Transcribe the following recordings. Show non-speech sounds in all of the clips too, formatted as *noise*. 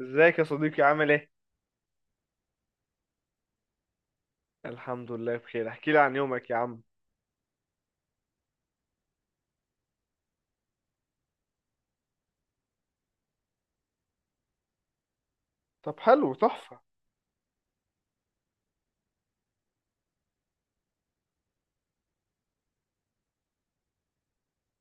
ازيك يا صديقي عامل ايه؟ الحمد لله بخير. احكي لي عن يومك يا عم. طب حلو تحفة.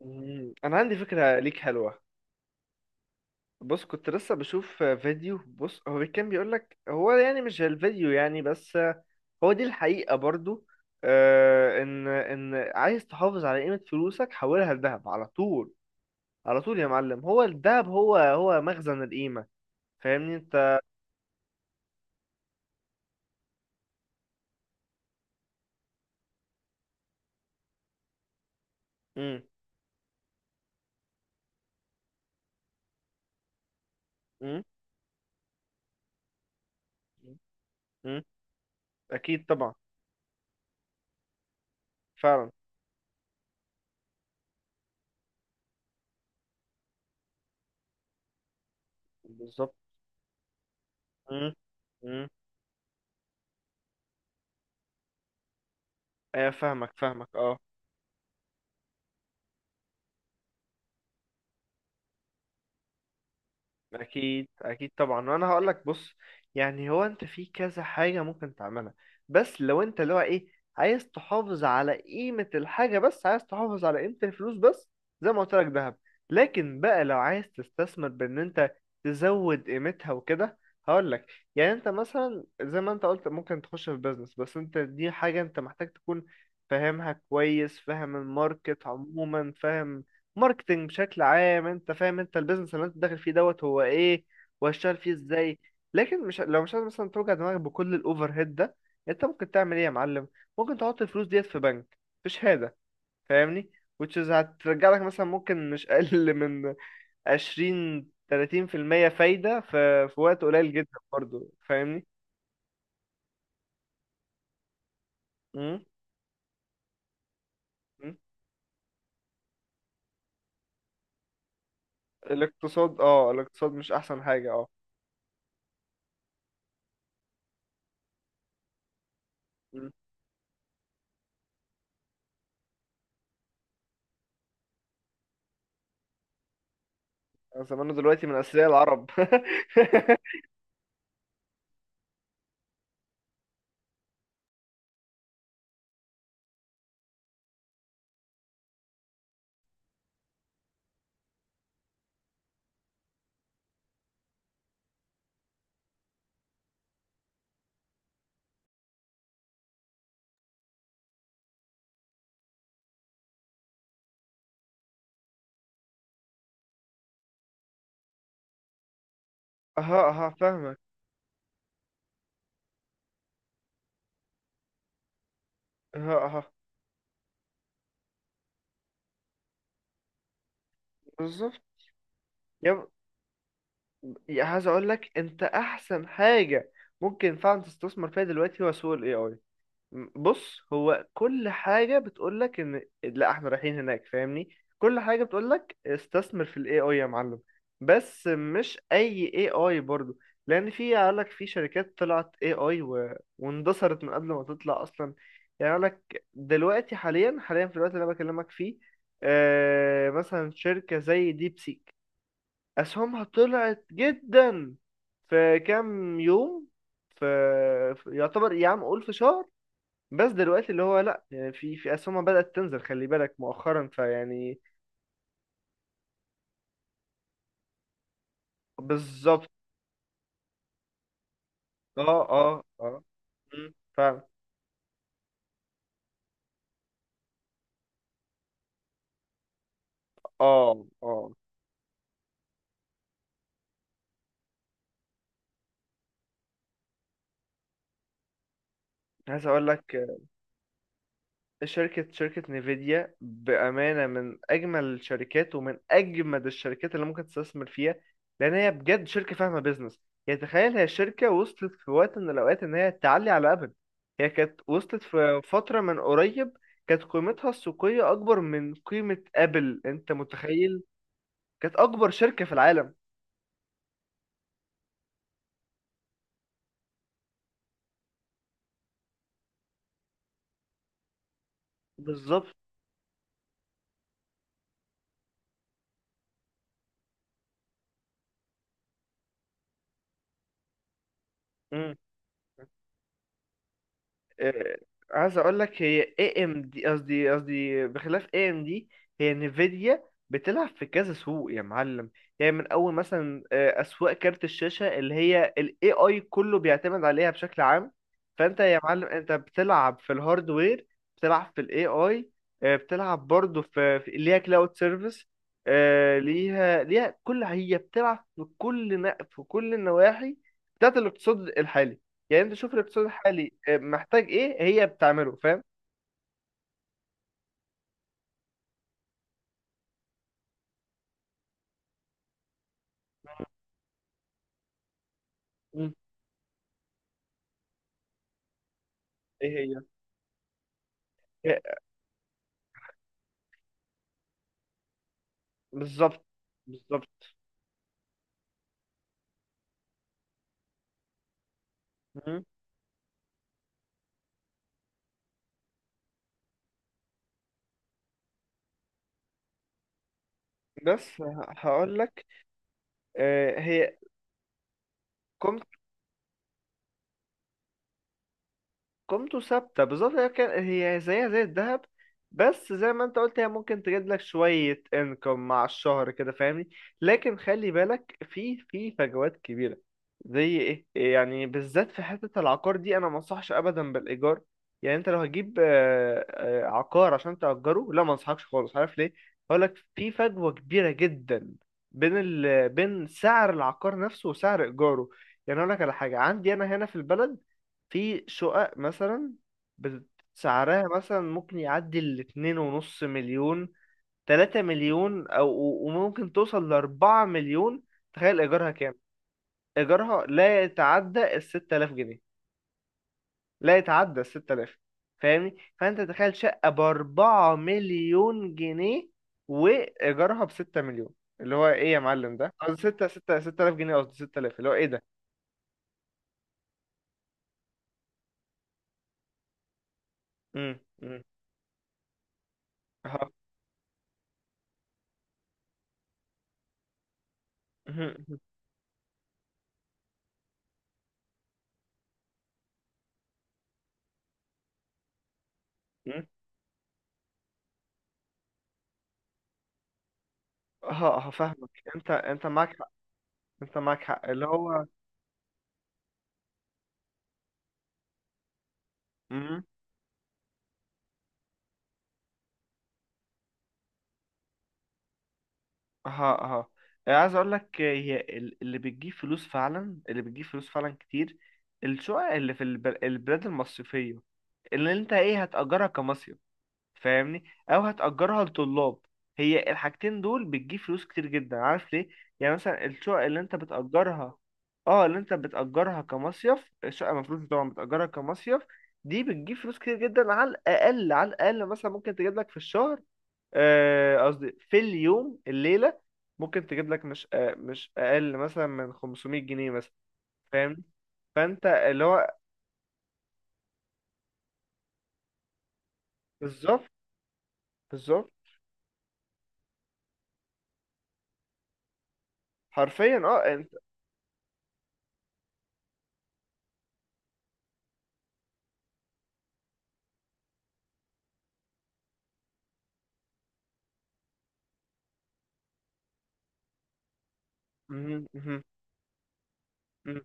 مم. انا عندي فكرة ليك حلوة. بص كنت لسه بشوف فيديو. بص هو كان بيقول لك هو يعني مش الفيديو يعني بس. هو دي الحقيقة برضو. ان عايز تحافظ على قيمة فلوسك حولها لذهب على طول. على طول يا معلم، هو الذهب هو هو مخزن القيمة. فاهمني انت. مم. مم. مم. اكيد طبعا. فعلا. بالظبط. مم. مم. ايه، فاهمك فاهمك، اه. اكيد اكيد طبعا، وانا هقول لك بص. يعني هو انت في كذا حاجه ممكن تعملها، بس لو انت اللي هو ايه، عايز تحافظ على قيمه الحاجه بس، عايز تحافظ على قيمه الفلوس بس، زي ما قلت لك ذهب. لكن بقى لو عايز تستثمر، بان انت تزود قيمتها وكده، هقول لك. يعني انت مثلا زي ما انت قلت ممكن تخش في بيزنس، بس انت دي حاجه انت محتاج تكون فاهمها كويس، فاهم الماركت عموما، فاهم ماركتينج بشكل عام، انت فاهم انت البيزنس اللي انت داخل فيه دوت هو ايه، وهشتغل فيه ازاي. لكن مش لو مش عايز مثلا توجع دماغك بكل الاوفر هيد ده، انت ممكن تعمل ايه يا معلم؟ ممكن تحط الفلوس ديت في بنك في شهادة، فاهمني، which is هترجع لك مثلا ممكن مش اقل من 20 30% فايدة في وقت قليل جدا برضو، فاهمني. مم. مم. الاقتصاد، اه، الاقتصاد مش احسن حاجة، اه. مم. زمانه دلوقتي من اثرياء العرب *laughs* اها اها، فاهمك. ها ها. بالظبط. يب... يا، عايز اقول لك انت احسن حاجه ممكن فعلا تستثمر فيها دلوقتي، هو سوق الاي اي. بص، هو كل حاجه بتقول لك ان لا احنا رايحين هناك، فاهمني. كل حاجه بتقول لك استثمر في الاي اي يا معلم. بس مش اي اي اي برضو. لان في، قال لك، في شركات طلعت اي اي واندثرت من قبل ما تطلع اصلا. يعني قال لك دلوقتي، حاليا حاليا في الوقت اللي انا بكلمك فيه، مثلا شركه زي ديب سيك، أسهمها طلعت جدا في كام يوم، في يعتبر يا عم قول في شهر. بس دلوقتي اللي هو لأ، يعني في أسهمها بدأت تنزل، خلي بالك مؤخرا، فيعني بالظبط. اه اه اه. مم، فعلا. اه اه. عايز اقول لك، شركة نيفيديا بأمانة من أجمل الشركات، ومن أجمد الشركات اللي ممكن تستثمر فيها، لأن هي بجد شركة فاهمة بيزنس. يعني تخيل، هي شركة وصلت في وقت من الأوقات إن هي تعلي على أبل. هي كانت وصلت في فترة من قريب كانت قيمتها السوقية أكبر من قيمة أبل، أنت متخيل؟ كانت أكبر شركة في العالم. بالظبط. آه، عايز اقول لك، هي اي ام دي، قصدي بخلاف اي ام دي، هي نفيديا بتلعب في كذا سوق يا معلم. يعني من اول مثلا اسواق كارت الشاشه اللي هي الاي اي كله بيعتمد عليها بشكل عام. فانت يا معلم، انت بتلعب في الهاردوير، بتلعب في الاي اي، بتلعب برضه في ليها كلاود سيرفيس. ليها كل، هي بتلعب في في كل النواحي بتاعت الاقتصاد الحالي. يعني انت شوف الاقتصاد الحالي محتاج ايه، هي بتعمله، فاهم. مم. ايه هي؟ هي- بالظبط. بالظبط. مم. بس هقول لك، هي قيمته ثابتة بالظبط، هي كان هي زيها زي الذهب، بس زي ما انت قلت، هي ممكن تجيب لك شوية انكم مع الشهر كده، فاهمني. لكن خلي بالك في فجوات كبيرة. زي ايه يعني؟ بالذات في حتة العقار دي، انا ما انصحش ابدا بالايجار. يعني انت لو هتجيب عقار عشان تأجره، لا، ما انصحكش خالص، عارف ليه؟ هقول لك. في فجوة كبيرة جدا بين بين سعر العقار نفسه وسعر ايجاره. يعني اقول لك على حاجة عندي انا هنا في البلد، في شقق مثلا، بت- سعرها مثلا ممكن يعدي 2.5 مليون، 3 مليون، أو وممكن توصل لـ4 مليون. تخيل إيجارها كام؟ إيجارها لا يتعدى الـ6000 جنيه. لا يتعدى الستة آلاف. فاهمني؟ فأنت تخيل، شقة بـ4 مليون جنيه وإيجارها بـ6 مليون، اللي هو إيه يا معلم ده؟ قصدي ستة ستة آلاف جنيه، قصدي 6000، اللي هو إيه ده؟ مم، مم. أها. *laughs* ها، هفهمك. انت معاك حق، انت معاك حق اللي هو. امم ها ها. عايز اقول لك، هي اللي بتجيب فلوس فعلا، اللي بتجيب فلوس فعلا كتير، الشقق اللي في البلاد المصيفية، اللي انت ايه، هتأجرها كمصيف، فاهمني، او هتأجرها لطلاب. هي الحاجتين دول بتجيب فلوس كتير جدا، عارف ليه؟ يعني مثلا الشقق اللي انت بتأجرها، اه، اللي انت بتأجرها كمصيف، الشقة مفروض طبعا بتأجرها كمصيف، دي بتجيب فلوس كتير جدا. على الأقل على الأقل مثلا ممكن تجيب لك في الشهر، قصدي في اليوم الليلة، ممكن تجيب لك مش، مش أقل مثلا من 500 جنيه مثلا، فاهم؟ فانت اللي هو بالظبط، بالظبط. حرفيا، اه. انت مهم، مهم، مهم.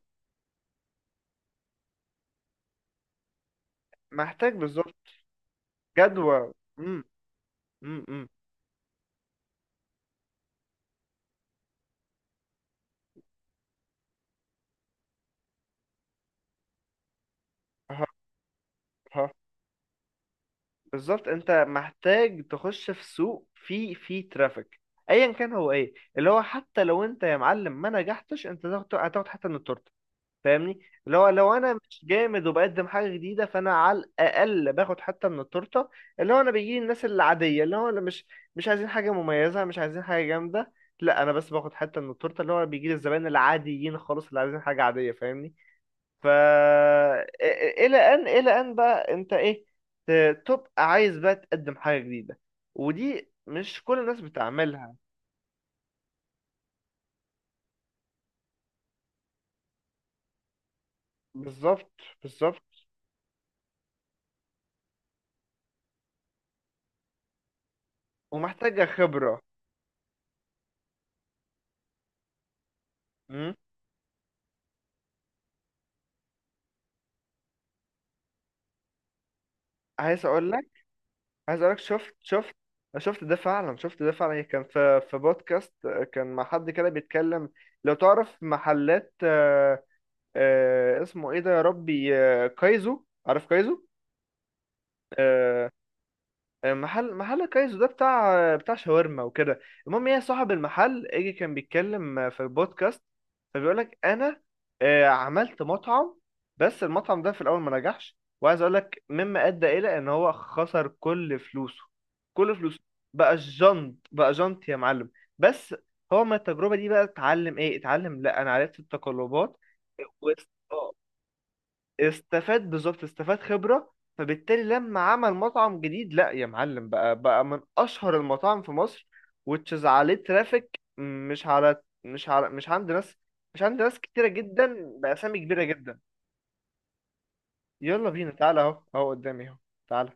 محتاج بالظبط. جدوى. امم امم ها ها. بالظبط، انت محتاج تخش في سوق فيه ترافيك، ايا كان هو ايه اللي هو. حتى لو انت يا معلم ما نجحتش، انت هتاخد حتى من التورته، فاهمني. اللي هو لو انا مش جامد وبقدم حاجه جديده، فانا على الاقل باخد حتى من التورته، اللي هو انا بيجي الناس العاديه اللي هو اللي مش، مش عايزين حاجه مميزه، مش عايزين حاجه جامده. لا، انا بس باخد حتى من التورته، اللي هو بيجي لي الزبائن العاديين خالص اللي عايزين حاجه عاديه، فاهمني، فا الى ان، الى ان بقى انت ايه، تبقى عايز بقى تقدم حاجه جديده، ودي مش كل الناس بتعملها. بالظبط، بالظبط، ومحتاجه خبره. امم عايز اقول لك، شفت، شفت ده فعلا. كان في بودكاست كان مع حد كده بيتكلم، لو تعرف محلات اسمه ايه ده يا ربي، كايزو، عارف كايزو؟ آه، محل كايزو ده بتاع شاورما وكده. المهم، هي صاحب المحل اجي كان بيتكلم في البودكاست، فبيقول لك: انا عملت مطعم، بس المطعم ده في الاول ما نجحش، وعايز اقول لك، مما ادى الى ان هو خسر كل فلوسه، كل فلوسه، بقى جنط، بقى جنط يا معلم. بس هو من التجربة دي بقى، اتعلم ايه؟ اتعلم، لا انا عرفت التقلبات و... استفاد. بالظبط، استفاد خبرة، فبالتالي لما عمل مطعم جديد، لا يا معلم، بقى من أشهر المطاعم في مصر، وتشز عليه ترافيك، مش على، مش عند ناس، مش عند ناس كتيرة جدا بأسامي كبيرة جدا. يلا بينا، تعالى، أهو أهو قدامي، أهو، تعالى.